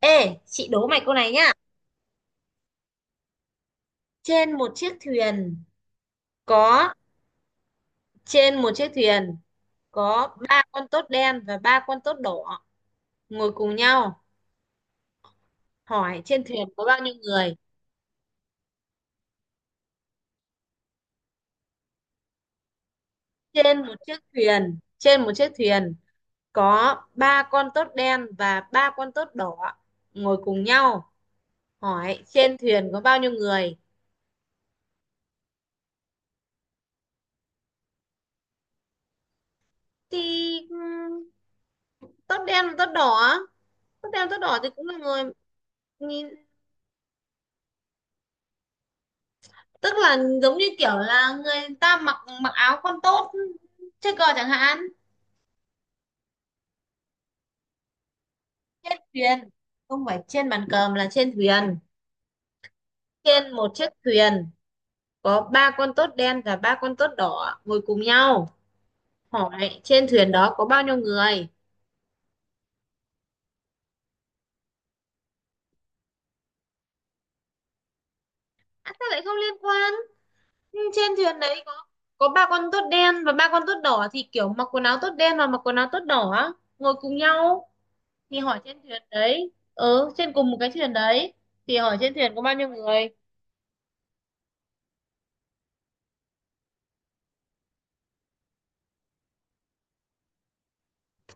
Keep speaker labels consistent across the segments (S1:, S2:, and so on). S1: Ê, chị đố mày câu này nhá. Trên một chiếc thuyền có Trên một chiếc thuyền có ba con tốt đen và ba con tốt đỏ ngồi cùng nhau. Hỏi trên thuyền có bao nhiêu người? Trên một chiếc thuyền có ba con tốt đen và ba con tốt đỏ ngồi cùng nhau. Hỏi trên thuyền có bao nhiêu người? Thì tốt đen và tốt đỏ, tốt đen và tốt đỏ thì cũng là người, nhìn. Tức là giống như kiểu là người ta mặc mặc áo con tốt chơi cờ chẳng hạn. Trên thuyền, không phải trên bàn cờ mà là trên thuyền. Trên một chiếc thuyền có ba con tốt đen và ba con tốt đỏ ngồi cùng nhau, hỏi trên thuyền đó có bao nhiêu người. À, sao lại không liên quan. Ừ, trên thuyền đấy có ba con tốt đen và ba con tốt đỏ thì kiểu mặc quần áo tốt đen và mặc quần áo tốt đỏ ngồi cùng nhau, thì hỏi trên thuyền đấy, trên cùng một cái thuyền đấy, thì hỏi trên thuyền có bao nhiêu người.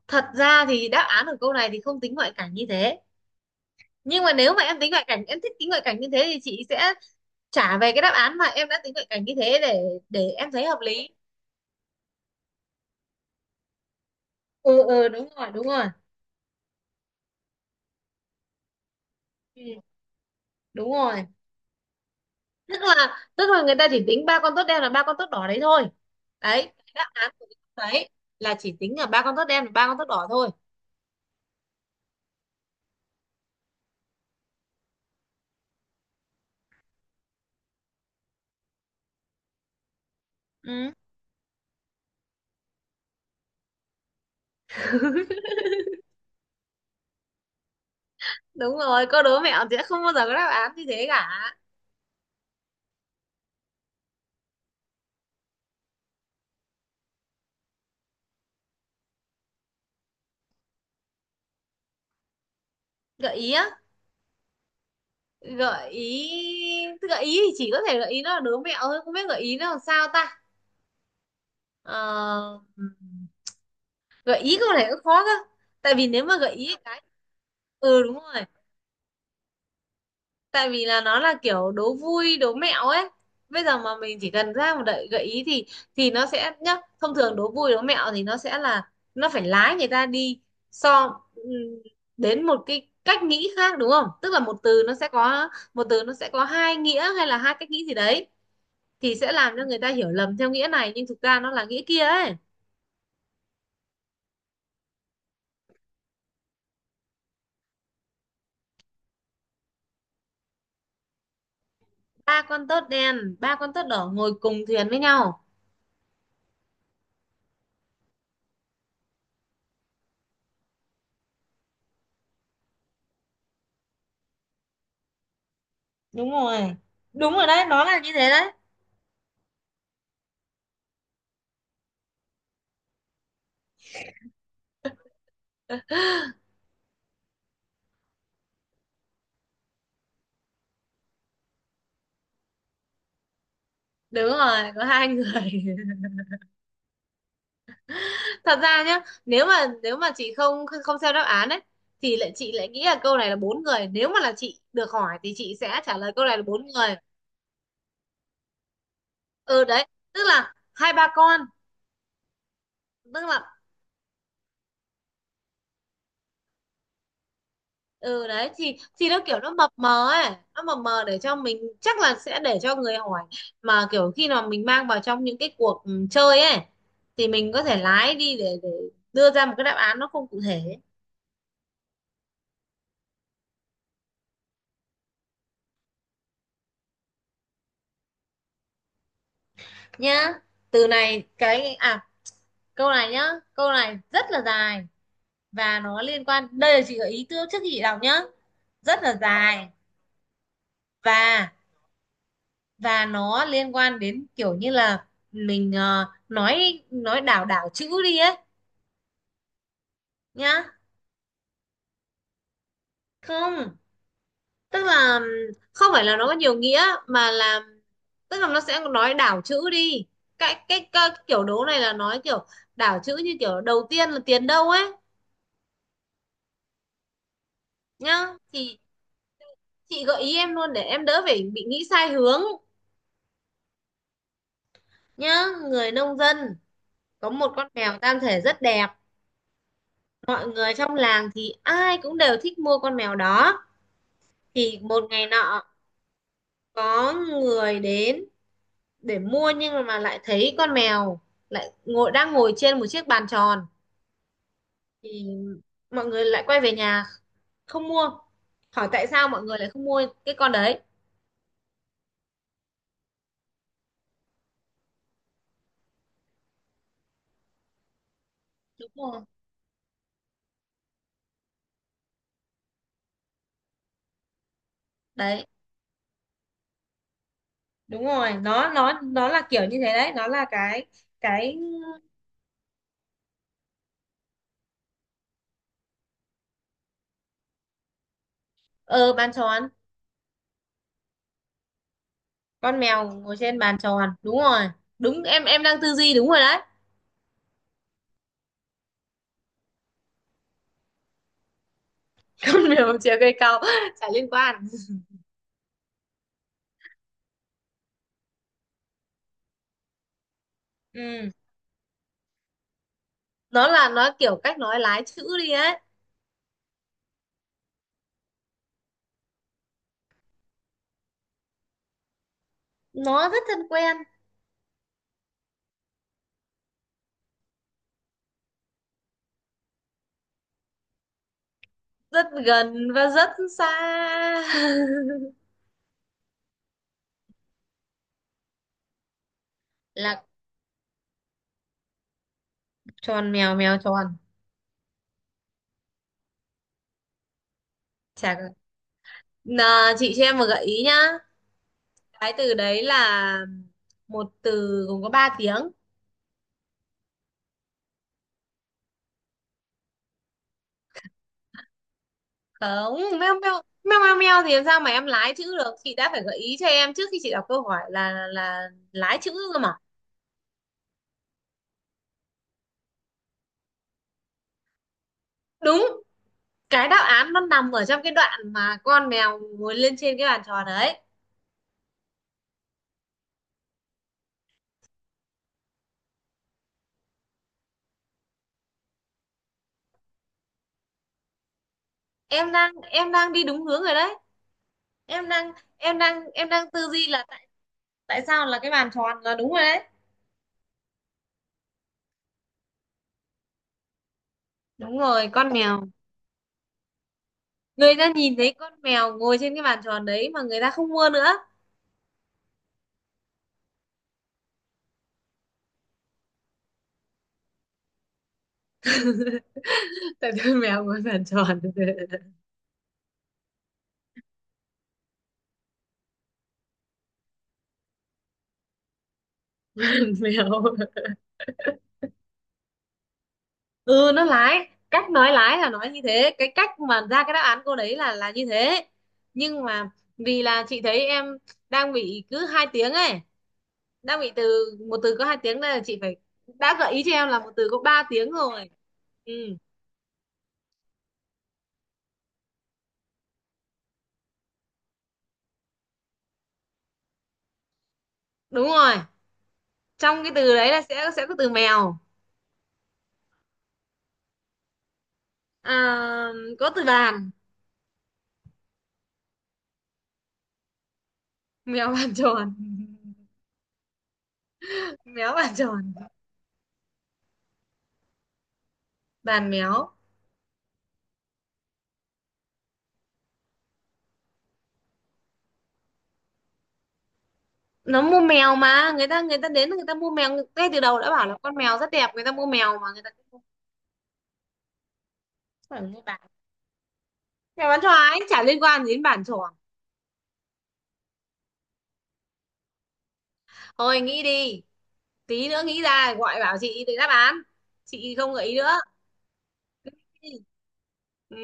S1: Thật ra thì đáp án của câu này thì không tính ngoại cảnh như thế, nhưng mà nếu mà em tính ngoại cảnh, em thích tính ngoại cảnh như thế thì chị sẽ trả về cái đáp án mà em đã tính ngoại cảnh như thế để em thấy hợp lý. Ừ, ừ, đúng rồi, đúng rồi. Ừ, đúng rồi. Tức là người ta chỉ tính ba con tốt đen là ba con tốt đỏ đấy thôi. Đấy, đáp án của cái câu đấy là chỉ tính là ba con tốt đen và ba con tốt đỏ thôi. Ừ, đúng rồi, câu đố mẹo sẽ không bao giờ có đáp án như thế cả. Gợi ý á? Gợi ý thì chỉ có thể gợi ý nó là đố mẹo thôi, không biết gợi ý nó làm sao ta. Ờ, Gợi ý câu này cũng khó cơ, tại vì nếu mà gợi ý cái, ừ đúng rồi, tại vì là nó là kiểu đố vui đố mẹo ấy. Bây giờ mà mình chỉ cần ra một đợi gợi ý thì nó sẽ nhá, thông thường đố vui đố mẹo thì nó sẽ là nó phải lái người ta đi. So, đến một cái cách nghĩ khác đúng không, tức là một từ nó sẽ có một từ nó sẽ có hai nghĩa hay là hai cách nghĩ gì đấy, thì sẽ làm cho người ta hiểu lầm theo nghĩa này nhưng thực ra nó là nghĩa kia ấy. Ba con tớt đen ba con tớt đỏ ngồi cùng thuyền với nhau. Đúng rồi, đúng rồi đấy, nó là như thế đấy. Đúng rồi, có hai người. Thật ra nhá, nếu mà chị không không xem đáp án ấy thì lại chị lại nghĩ là câu này là bốn người, nếu mà là chị được hỏi thì chị sẽ trả lời câu này là bốn người. Ừ, đấy, tức là hai ba con, tức là. Ừ, đấy, thì nó kiểu nó mập mờ ấy, nó mập mờ để cho mình, chắc là sẽ để cho người hỏi, mà kiểu khi nào mình mang vào trong những cái cuộc, chơi ấy, thì mình có thể lái đi để đưa ra một cái đáp án nó không cụ thể. Nhá, từ này cái à, câu này nhá, câu này rất là dài và nó liên quan, đây là chị gợi ý trước trước khi chị đọc nhá. Rất là dài, và và nó liên quan đến kiểu như là mình, nói đảo đảo chữ đi ấy, nhá. Không, tức là không phải là nó có nhiều nghĩa mà là, tức là nó sẽ nói đảo chữ đi. Cái kiểu đố này là nói kiểu đảo chữ, như kiểu đầu tiên là tiền đâu ấy, nhá. Thì chị gợi ý em luôn để em đỡ phải bị nghĩ sai hướng, nhá. Người nông dân có một con mèo tam thể rất đẹp, mọi người trong làng thì ai cũng đều thích mua con mèo đó. Thì một ngày nọ có người đến để mua, nhưng mà lại thấy con mèo lại ngồi đang ngồi trên một chiếc bàn tròn, thì mọi người lại quay về nhà không mua. Hỏi tại sao mọi người lại không mua cái con đấy. Đúng rồi đấy, đúng rồi, nó là kiểu như thế đấy, nó là cái, ờ bàn tròn, con mèo ngồi trên bàn tròn, đúng rồi. Đúng, em đang tư duy đúng rồi đấy. Con mèo chìa cây cau, chả liên quan. Ừ, nó là nó kiểu cách nói lái chữ đi ấy. Nó rất thân quen. Rất gần và rất xa. Là tròn mèo, mèo tròn, chả. Nà, chị cho em một gợi ý nhá. Cái từ đấy là một từ gồm có ba tiếng. Không, meo meo meo meo meo thì làm sao mà em lái chữ được? Chị đã phải gợi ý cho em trước khi chị đọc câu hỏi là lái chữ cơ mà. Đúng, cái đáp án nó nằm ở trong cái đoạn mà con mèo ngồi lên trên cái bàn tròn đấy. Em đang đi đúng hướng rồi đấy. Em đang tư duy là tại tại sao là cái bàn tròn là đúng rồi đấy. Đúng rồi, con mèo. Người ta nhìn thấy con mèo ngồi trên cái bàn tròn đấy mà người ta không mua nữa. Tại vì mèo ngồi bàn tròn. Mèo. Ừ, nó lái, cách nói lái là nói như thế, cái cách mà ra cái đáp án cô đấy là như thế. Nhưng mà vì là chị thấy em đang bị cứ hai tiếng ấy, đang bị từ một từ có hai tiếng, đây là chị phải đã gợi ý cho em là một từ có ba tiếng rồi. Ừ, đúng rồi, trong cái từ đấy là sẽ có từ mèo. À, có từ bàn. Mèo bàn tròn. Méo bàn tròn. Bàn méo. Nó mua mèo mà, người ta đến người ta mua mèo, ngay từ đầu đã bảo là con mèo rất đẹp, người ta mua mèo mà người ta cũng không phải mua bàn. Mèo bán choái chả liên quan gì đến bàn tròn. Thôi, nghĩ đi, tí nữa nghĩ ra gọi bảo chị để đáp án, chị không gợi ý nữa. Ừ.